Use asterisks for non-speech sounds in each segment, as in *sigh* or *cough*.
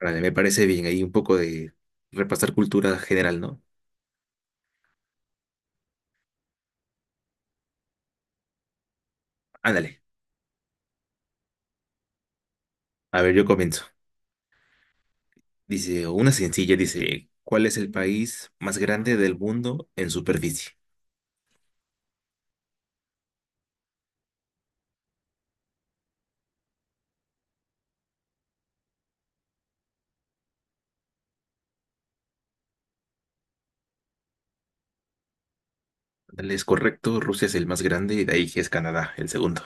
Vale, me parece bien, ahí un poco de repasar cultura general, ¿no? Ándale, a ver, yo comienzo. Dice, una sencilla, dice, ¿cuál es el país más grande del mundo en superficie? Ándale, es correcto, Rusia es el más grande y de ahí es Canadá, el segundo.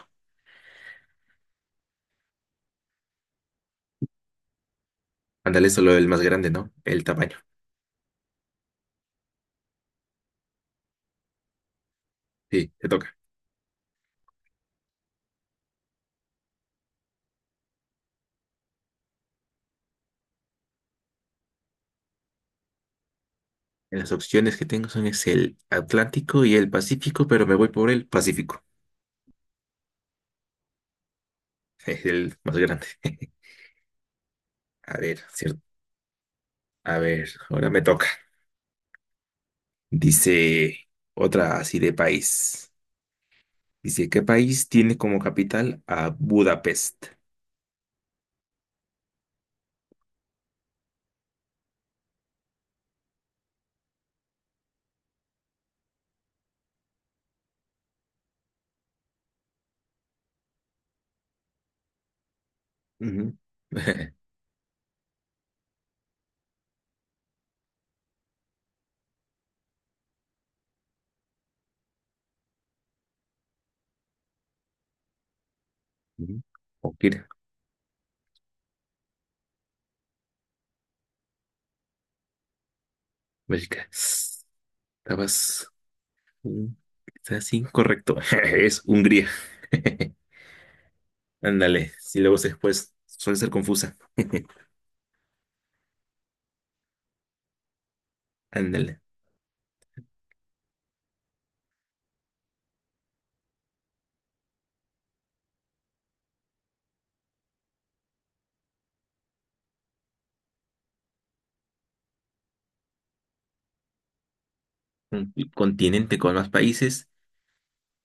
Ándale, solo el más grande, ¿no? El tamaño. Sí, te toca. Las opciones que tengo son es el Atlántico y el Pacífico, pero me voy por el Pacífico, *laughs* es el más grande. *laughs* A ver, cierto. A ver, ahora me toca. Dice otra así de país. Dice, ¿qué país tiene como capital a Budapest? Ujú. *laughs* Ujú. Oh, mira, Bélgica. Estabas mm, quizás incorrecto. *laughs* Es Hungría. *laughs* Ándale, si luego después suele ser confusa. Ándale. Un continente con más países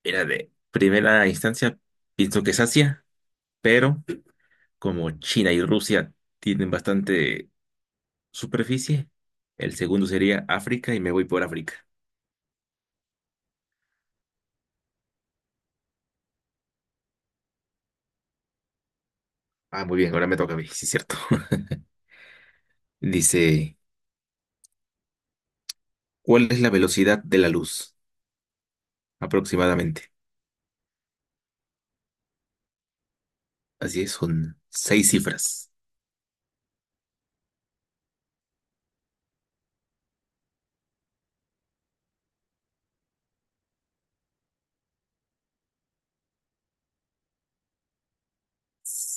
era de primera instancia, pienso que es Asia, pero como China y Rusia tienen bastante superficie, el segundo sería África y me voy por África. Ah, muy bien, ahora me toca a mí, sí es cierto. *laughs* Dice, ¿cuál es la velocidad de la luz? Aproximadamente. Así es, son seis cifras.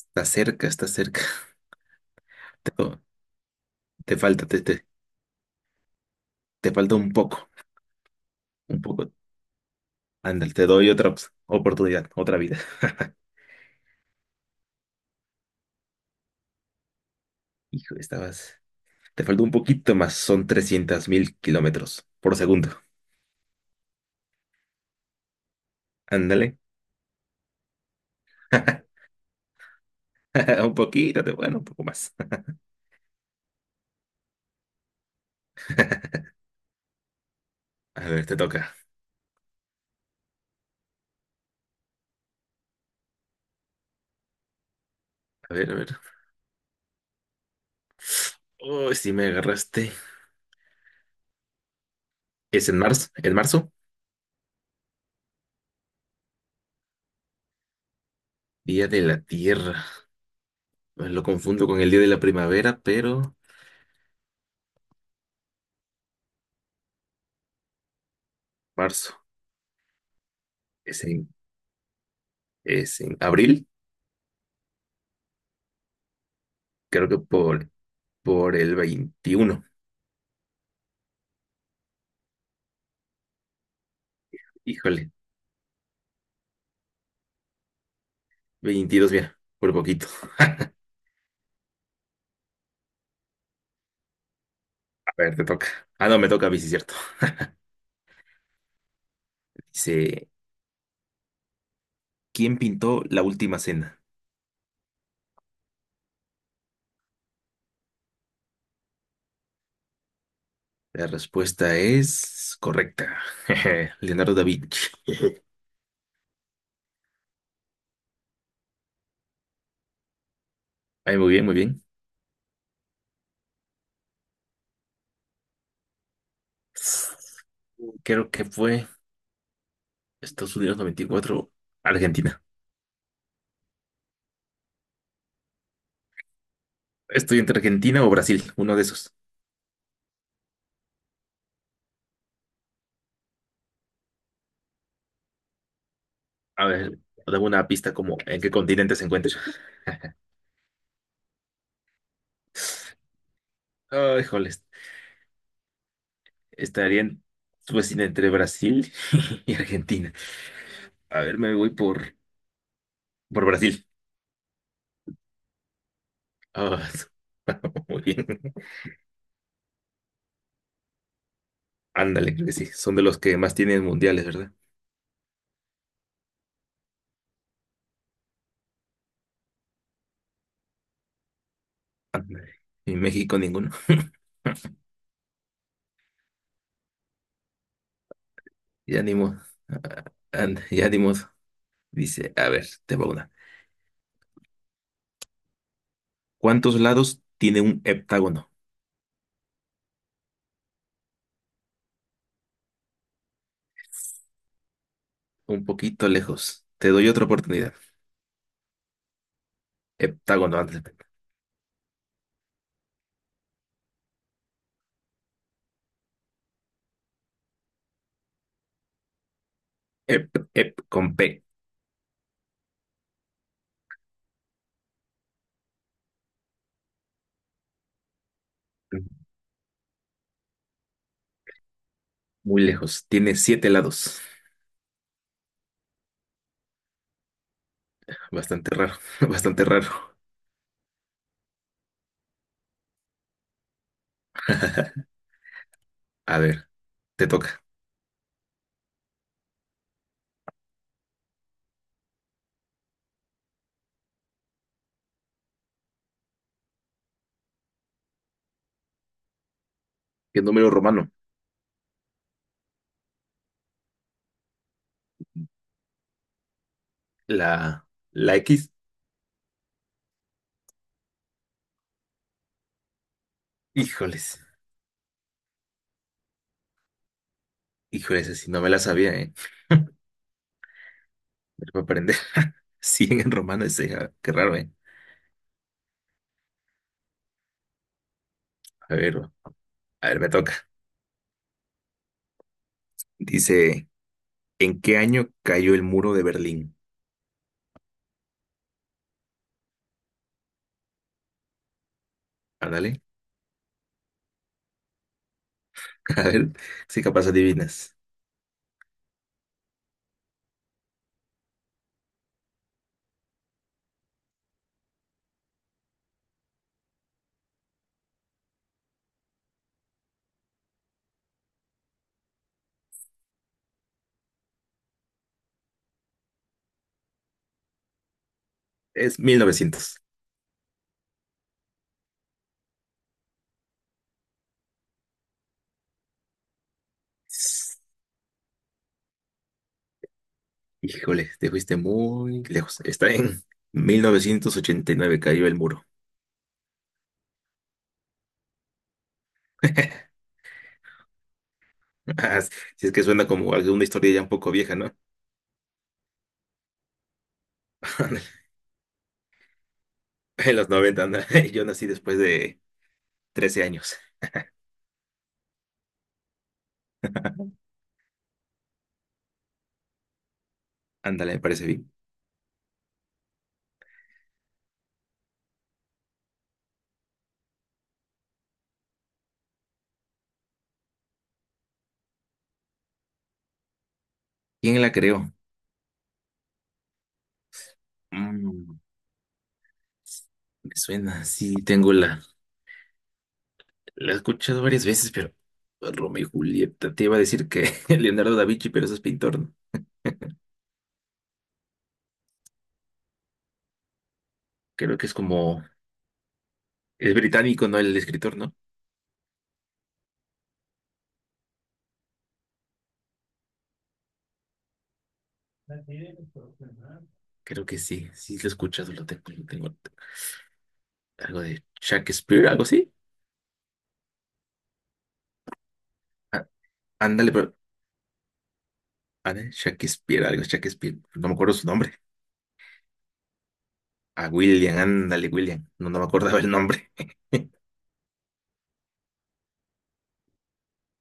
Está cerca, está cerca. *laughs* Te, te falta, te, te, te falta un poco, un poco. Ándale, te doy otra oportunidad, otra vida. *laughs* Hijo, estabas. Te faltó un poquito más, son 300 mil kilómetros por segundo. Ándale. *laughs* Un poquito, bueno, un poco más. A ver, te toca. A ver, a ver. Uy, si me agarraste. Es en marzo, Día de la Tierra. Bueno, lo confundo con el Día de la Primavera, pero marzo. Es en, es en abril, creo que por, por el veintiuno. Híjole, 22, mira, por poquito. A ver, te toca. Ah, no, me toca a mí, sí, cierto. Dice, ¿quién pintó la última cena? La respuesta es correcta. *laughs* Leonardo da Vinci. *laughs* Ay, muy bien, muy bien. Creo que fue Estados Unidos 94, Argentina. Estoy entre Argentina o Brasil, uno de esos. A ver, dame una pista como en qué continente se encuentra. *laughs* Oh, híjoles, estaría en- pues, sí, entre Brasil *laughs* y Argentina. A ver, por Brasil. Ah, *laughs* muy bien. Ándale, creo que sí. Son de los que más tienen mundiales, ¿verdad? Ándale. Y México ninguno. Ya ni modo. Ah, ándale, ya ni modo. Dice, a ver, te va una. ¿Cuántos lados tiene un heptágono? Un poquito lejos. Te doy otra oportunidad. Heptágono antes de P. Hep, hep, con P. Muy lejos. Tiene siete lados. Bastante raro, *laughs* bastante raro. A ver, te toca. ¿Qué número romano? La, la X. Híjoles, híjoles, así no me la sabía, ¿eh? *laughs* Me la voy a aprender. *laughs* Cien en romano, ese, ah, qué raro, ¿eh? A ver, a ver, me toca. Dice, ¿en qué año cayó el muro de Berlín? Ándale. *laughs* A ver, si capaz adivinas. Es mil novecientos. Híjole, te fuiste muy lejos. Está en 1989 cayó el muro. *laughs* Ah, si es que suena como alguna historia ya un poco vieja, ¿no? *laughs* En los noventa, anda. *laughs* Yo nací después de 13 años. Ándale, me parece bien. ¿Quién la creó? Mm, me suena, sí, tengo la... La he escuchado varias veces, pero... Romeo y Julieta, te iba a decir que *laughs* Leonardo da Vinci, pero eso es pintor, ¿no? Creo que es como... Es británico, ¿no? El escritor, ¿no? Creo que sí, sí lo he escuchado, lo tengo, lo tengo. Algo de Shakespeare, algo así. Ah, ándale, pero ándale, Shakespeare, algo Shakespeare. No me acuerdo su nombre. A William, ándale, William. No, no me acordaba el nombre.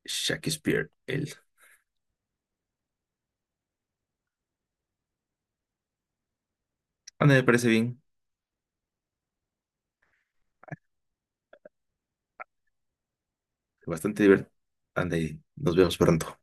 *laughs* Shakespeare, él. Ándale, me parece bien. Bastante divertido. Ándale, nos vemos pronto.